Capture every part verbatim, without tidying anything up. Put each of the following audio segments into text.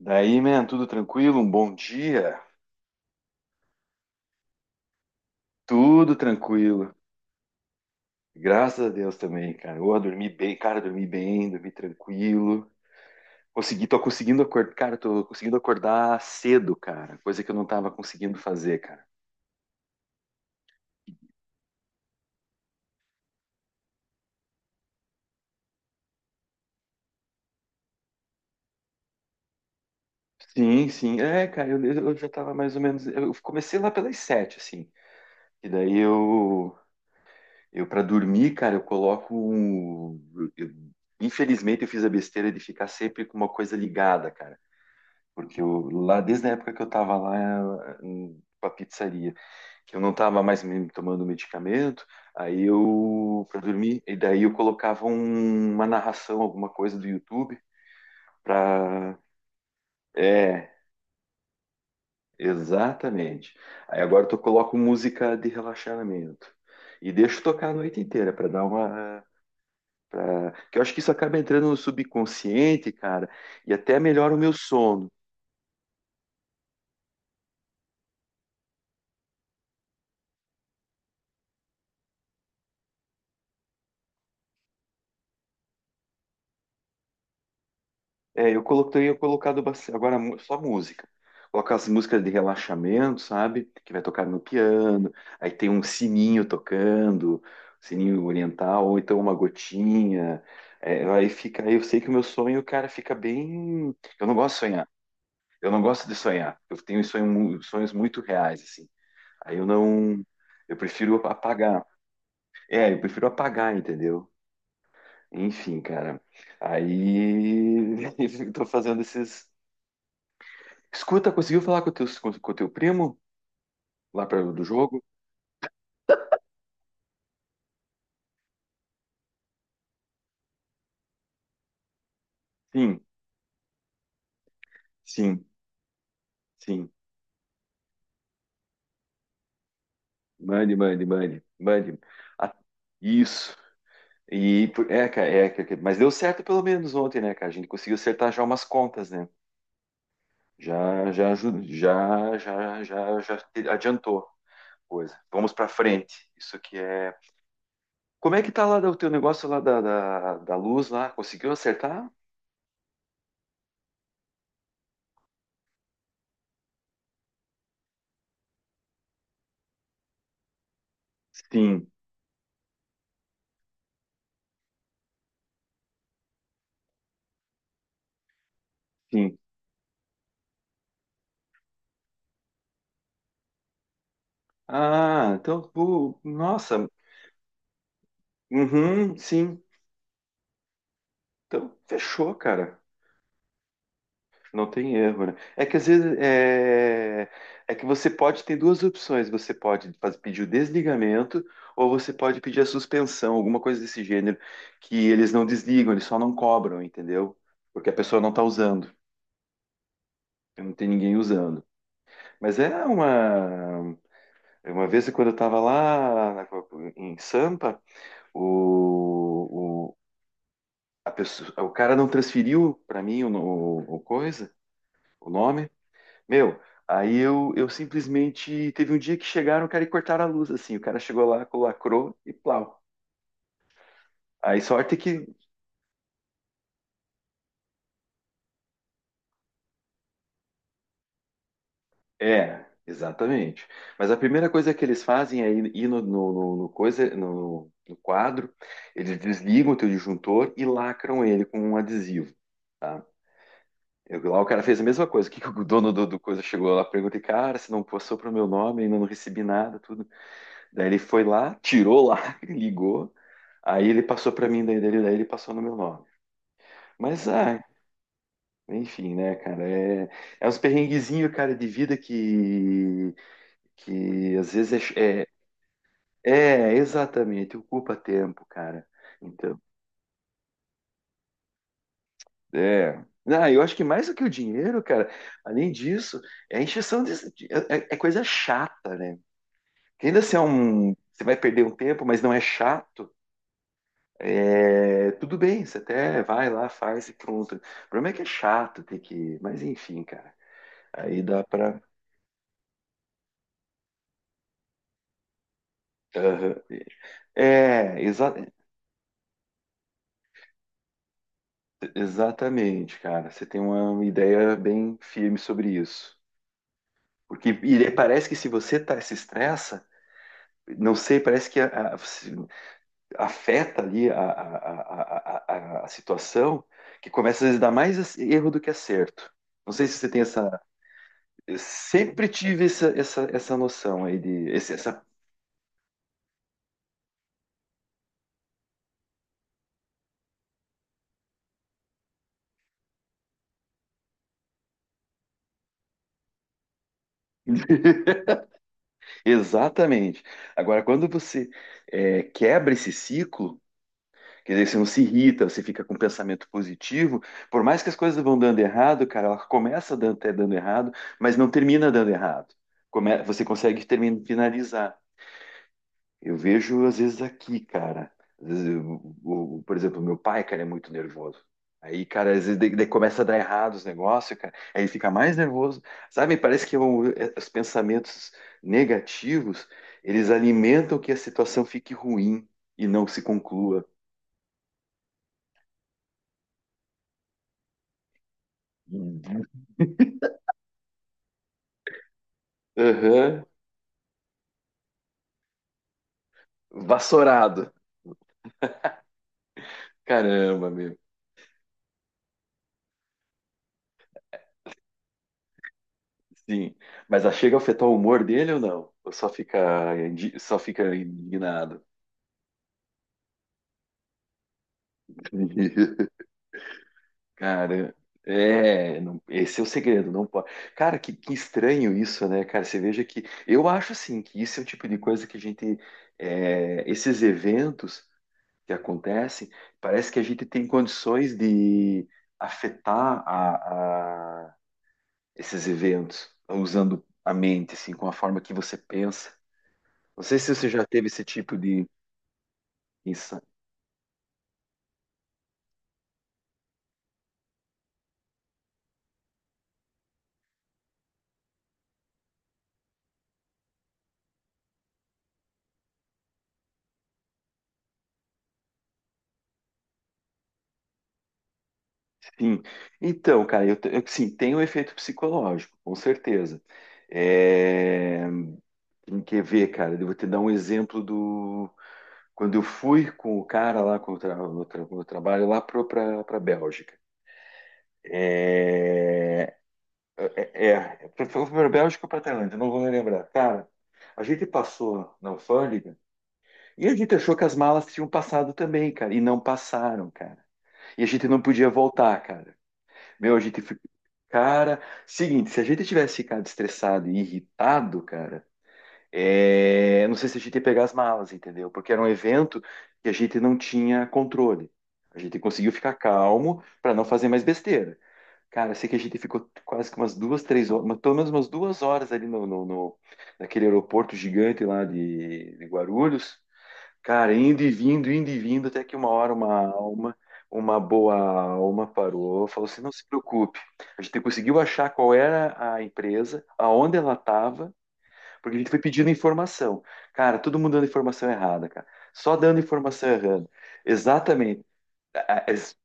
Daí, man, tudo tranquilo? Um bom dia? Tudo tranquilo. Graças a Deus também, cara. Eu dormi bem, cara, dormi bem, dormi tranquilo. Consegui, tô conseguindo acordar, cara, tô conseguindo acordar cedo, cara. Coisa que eu não tava conseguindo fazer, cara. Sim, sim. É, cara, eu, eu já tava mais ou menos. Eu comecei lá pelas sete, assim. E daí eu, eu para dormir, cara, eu coloco um. eu- Infelizmente eu fiz a besteira de ficar sempre com uma coisa ligada, cara. Porque eu, lá, desde a época que eu estava lá com a pizzaria, que eu não estava mais me tomando medicamento, aí eu, para dormir, e daí eu colocava um- uma narração, alguma coisa do YouTube, para. É, exatamente. Aí agora eu coloco música de relaxamento. E deixo tocar a noite inteira para dar uma. Pra que eu acho que isso acaba entrando no subconsciente, cara, e até melhora o meu sono. É, eu coloquei eu colocado bastante, agora mu- só música. Colocar as músicas de relaxamento, sabe? Que vai tocar no piano. Aí tem um sininho tocando, sininho oriental, ou então uma gotinha. É, aí fica, aí eu sei que o meu sonho, cara, fica bem. Eu não gosto de sonhar. Eu não gosto de sonhar. Eu tenho sonho mu- sonhos muito reais, assim. Aí eu não. Eu prefiro apagar. É, eu prefiro apagar, entendeu? Enfim, cara. Aí eu tô fazendo esses. Escuta, conseguiu falar com o teu, com, com o teu primo lá para do jogo? Sim, sim, sim. Mande, mande, mande, mande. Ah, isso. E por- é, cara, é, que- que- mas deu certo pelo menos ontem, né, cara? A gente conseguiu acertar já umas contas, né? Já, já, ajuda- já, já, já, já te- adiantou a coisa. Vamos para frente. Isso que é. Como é que tá lá o teu negócio lá da, da, da luz lá? Conseguiu acertar? Sim, sim. Ah, então, pô, nossa. Uhum, sim. Então, fechou, cara. Não tem erro, né? É que às vezes é, é que você pode ter duas opções. Você pode faz- pedir o desligamento ou você pode pedir a suspensão, alguma coisa desse gênero, que eles não desligam, eles só não cobram, entendeu? Porque a pessoa não está usando, não tem ninguém usando. Mas é uma uma vez quando eu estava lá na- em Sampa, o, o, a pessoa, o cara não transferiu para mim o, o, o coisa, o nome. Meu, aí eu, eu simplesmente teve um dia que chegaram, cara, e cortaram a luz, assim. O cara chegou lá, lacrou e plau. Aí sorte que. É, exatamente. Mas a primeira coisa que eles fazem é ir ir no, no, no- no coisa, no, no quadro, eles desligam o teu disjuntor e lacram ele com um adesivo. Eu, lá o cara fez a mesma coisa. O que, que o dono do, do coisa chegou lá, perguntei, cara, se não passou pro meu nome, ainda não recebi nada, tudo. Daí ele foi lá, tirou lá, ligou, aí ele passou para mim, daí, daí daí ele passou no meu nome. Mas, ah, enfim, né, cara? É, é uns perrenguezinhos, cara, de vida que, que às vezes é, é, é, exatamente, ocupa tempo, cara. Então, é. Ah, eu acho que mais do que o dinheiro, cara, além disso, é encheção de, é, é é coisa chata, né? Que ainda se é um. Você vai perder um tempo, mas não é chato. É, tudo bem, você até vai lá, faz e pronto. O problema é que é chato ter que. Mas enfim, cara. Aí dá pra. Aham. É, exa- exatamente, cara. Você tem uma ideia bem firme sobre isso. Porque e é, parece que se você tá, se estressa, não sei, parece que a- a- se- afeta ali a, a- a- a- a- a situação, que começa às vezes a dar mais ac- erro do que acerto. Não sei se você tem essa. Eu sempre tive essa, essa, essa noção aí de. esse- essa... Exatamente. Agora, quando você eh, quebra esse ciclo. Porque daí você não se irrita, você fica com um pensamento positivo. Por mais que as coisas vão dando errado, cara, ela começa dando, até dando errado, mas não termina dando errado. Come- você consegue terminar, finalizar. Eu vejo, às vezes, aqui, cara. Às vezes, eu- o- o- por exemplo, meu pai, cara, é muito nervoso. Aí, cara, às vezes daí- daí começa a dar errado os negócios, cara. Aí ele fica mais nervoso. Sabe, parece que o- é- os pensamentos negativos, eles alimentam que a situação fique ruim e não se conclua. Aham. Vassourado. Caramba, meu. Sim. Mas a chega a afetar o humor dele ou não? Ou só fica, indi- só fica indignado? Cara, é, não- esse é o segredo, não pode. Cara, que, que estranho isso, né, cara? Você veja que eu acho assim que isso é o tipo de coisa que a gente, é, esses eventos que acontecem, parece que a gente tem condições de afetar a, esses eventos, usando a mente, assim, com a forma que você pensa. Não sei se você já teve esse tipo de insight. Sim. Então, cara, eu, te- eu sim, tem um efeito psicológico, com certeza. É. Tem que ver, cara. Eu vou te dar um exemplo do. Quando eu fui com o cara lá com o tra- no, tra- no trabalho lá para Bélgica. É, é, É, foi para Bélgica ou para Tailândia, não vou me lembrar. Cara, a gente passou na alfândega e a gente achou que as malas tinham passado também, cara, e não passaram, cara. E a gente não podia voltar, cara. Meu, a gente fi- cara, seguinte, se a gente tivesse ficado estressado e irritado, cara, é, não sei se a gente ia pegar as malas, entendeu? Porque era um evento que a gente não tinha controle. A gente conseguiu ficar calmo para não fazer mais besteira. Cara, eu sei que a gente ficou quase que umas duas, três horas, mas pelo menos umas duas horas ali no, no, no- naquele aeroporto gigante lá de, de Guarulhos. Cara, indo e vindo, indo e vindo, até que uma hora uma alma, uma boa alma parou, falou assim, não se preocupe, a gente conseguiu achar qual era a empresa, aonde ela estava, porque a gente foi pedindo informação. Cara, todo mundo dando informação errada, cara. Só dando informação errada. Exatamente. Ah, ex-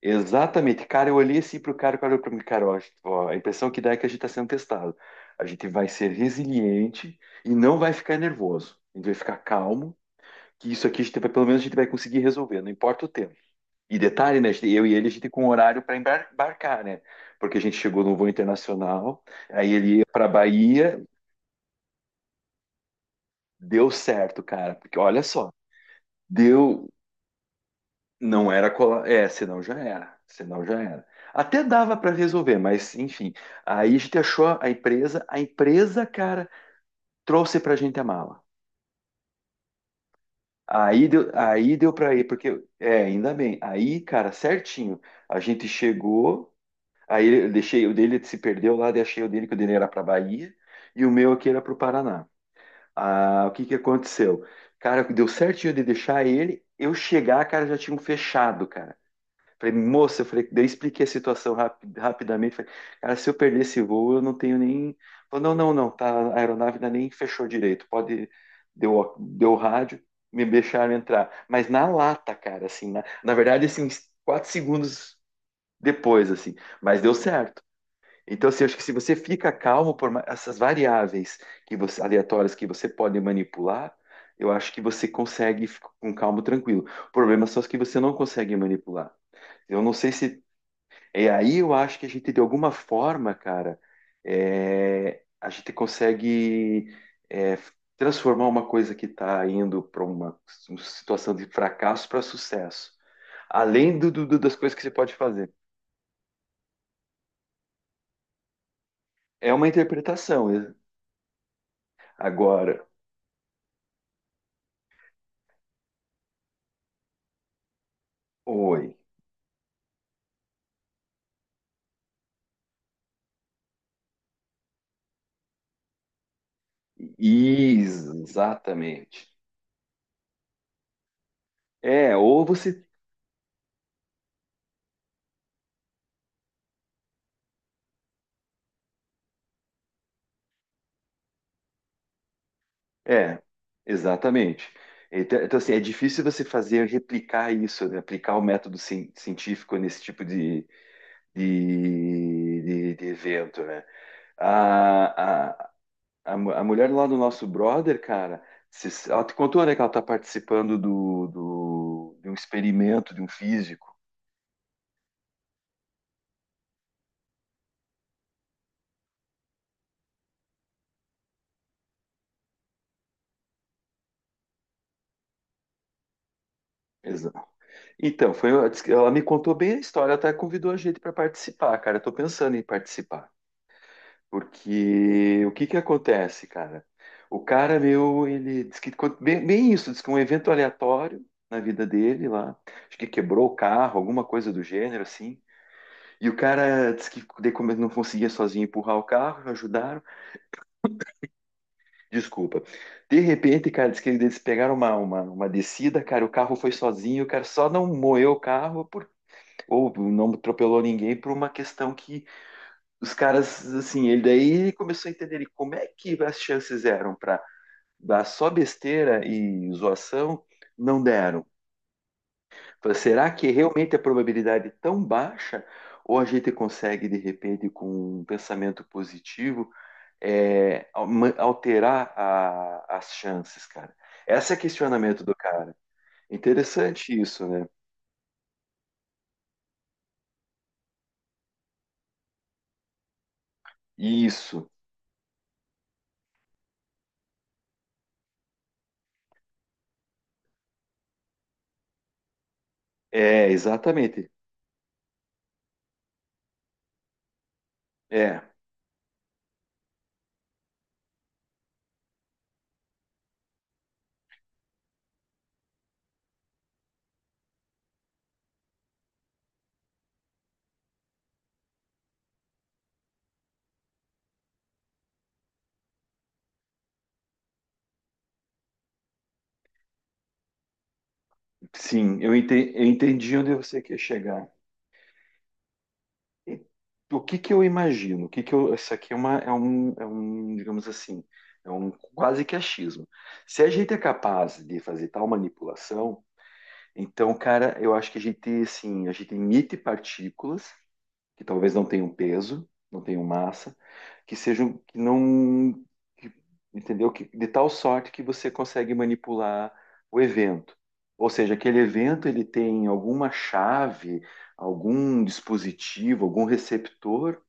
exatamente. Cara, eu olhei assim pro cara, o cara olhou pra mim, cara, ó, ó, a impressão que dá é que a gente tá sendo testado. A gente vai ser resiliente e não vai ficar nervoso. A gente vai ficar calmo que isso aqui a gente vai, pelo menos a gente vai conseguir resolver, não importa o tempo. E detalhe, né? Eu e ele, a gente com horário para embarcar, né? Porque a gente chegou no voo internacional, aí ele ia para Bahia, deu certo, cara. Porque olha só, deu. Não era colar. É, senão já era. Senão já era. Até dava para resolver, mas enfim. Aí a gente achou a empresa, a empresa, cara, trouxe pra gente a mala. Aí deu, aí deu para ir, porque. É, ainda bem. Aí, cara, certinho. A gente chegou. Aí eu deixei o dele se perdeu lá, deixei o dele que o dele era para Bahia e o meu aqui era para o Paraná. Ah, o que que aconteceu? Cara, deu certinho de deixar ele, eu chegar, cara, já tinham fechado, cara. Falei, moça, eu falei, daí eu expliquei a situação rapi- rapidamente. Falei, cara, se eu perder esse voo, eu não tenho nem. Falou, não, não, não, tá, a aeronave ainda nem fechou direito. Pode. Deu, deu o rádio, me deixaram entrar. Mas na lata, cara, assim, na, na verdade, assim, uns quatro segundos depois, assim. Mas deu certo. Então, assim, eu acho que se você fica calmo por ma- essas variáveis que você, aleatórias que você pode manipular, eu acho que você consegue ficar com calmo, tranquilo. O problema são as que você não consegue manipular. Eu não sei se. É aí eu acho que a gente, de alguma forma, cara, é, a gente consegue é, transformar uma coisa que está indo para uma, uma situação de fracasso para sucesso. Além do, do- das coisas que você pode fazer. É uma interpretação, né? Agora, oi. Exatamente. É, ou você. É, exatamente. Então, então, assim, é difícil você fazer replicar isso, né? Aplicar o método cien- científico nesse tipo de, de, de- de evento, né? A, a, a, mu- a mulher lá do nosso brother, cara, se- ela te contou, né, que ela está participando do, do, de um experimento de um físico. Exato. Então, foi, ela me contou bem a história, ela até convidou a gente para participar, cara. Eu tô pensando em participar. Porque o que que acontece, cara? O cara meu, ele diz que bem, bem isso, diz que um evento aleatório na vida dele lá, acho que quebrou o carro, alguma coisa do gênero assim. E o cara disse que daí como ele não conseguia sozinho empurrar o carro, ajudaram, desculpa. De repente, cara, diz que eles pegaram uma, uma, uma descida, cara, o carro foi sozinho, o cara só não moeu o carro por, ou não atropelou ninguém por uma questão que os caras, assim, ele daí começou a entender ele, como é que as chances eram para dar só besteira e zoação, não deram. Falei, será que realmente a probabilidade é tão baixa? Ou a gente consegue, de repente, com um pensamento positivo, é, al- alterar a- as chances, cara? Esse é o questionamento do cara. Interessante isso, né? Isso. É, exatamente. É, sim, eu enten- eu entendi onde você quer chegar. E o que que eu imagino? O que que eu, isso aqui é, uma, é, um, é um, digamos assim, é um quase que achismo. Se a gente é capaz de fazer tal manipulação, então, cara, eu acho que a gente, assim, a gente emite partículas que talvez não tenham peso, não tenham massa, que sejam, que não, que- entendeu? Que, de tal sorte que você consegue manipular o evento. Ou seja, aquele evento ele tem alguma chave, algum dispositivo, algum receptor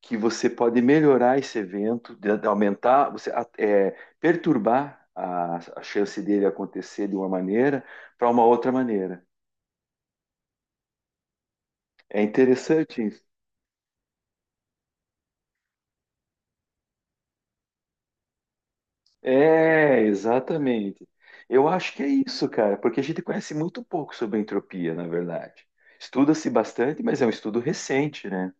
que você pode melhorar esse evento, de- de aumentar, você a- é, perturbar a, a chance dele acontecer de uma maneira para uma outra maneira. É interessante. É, exatamente. Eu acho que é isso, cara, porque a gente conhece muito pouco sobre a entropia, na verdade. Estuda-se bastante, mas é um estudo recente, né?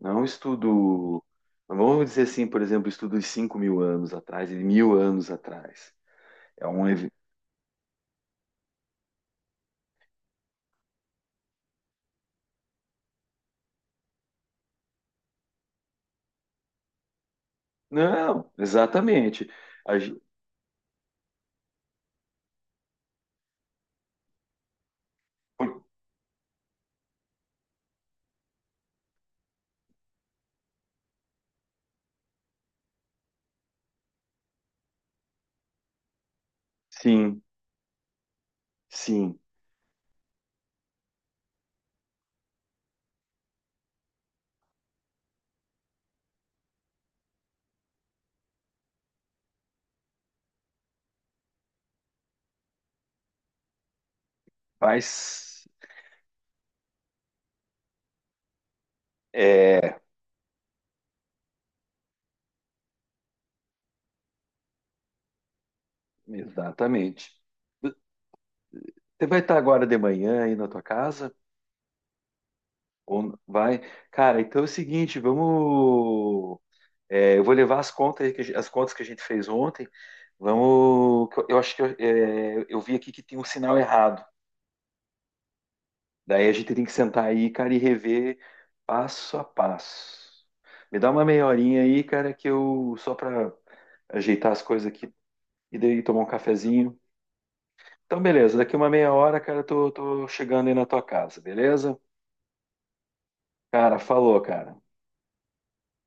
Não é um estudo, vamos dizer assim, por exemplo, estudo de cinco mil anos atrás, e de mil anos atrás. É um. Ev. Não, exatamente. A gen. Sim, sim, faz. É, exatamente. Você vai estar agora de manhã aí na tua casa? Ou vai. Cara, então é o seguinte, vamos. É, eu vou levar as contas, aí que a gen- as contas que a gente fez ontem. Vamos. Que Eu eu acho que eu, é, eu vi aqui que tem um sinal errado. Daí a gente tem que sentar aí, cara, e rever passo a passo. Me dá uma meia horinha aí, cara, que eu só para ajeitar as coisas aqui e daí tomar um cafezinho. Então, beleza. Daqui uma meia hora, cara, eu tô, tô chegando aí na tua casa, beleza? Cara, falou, cara.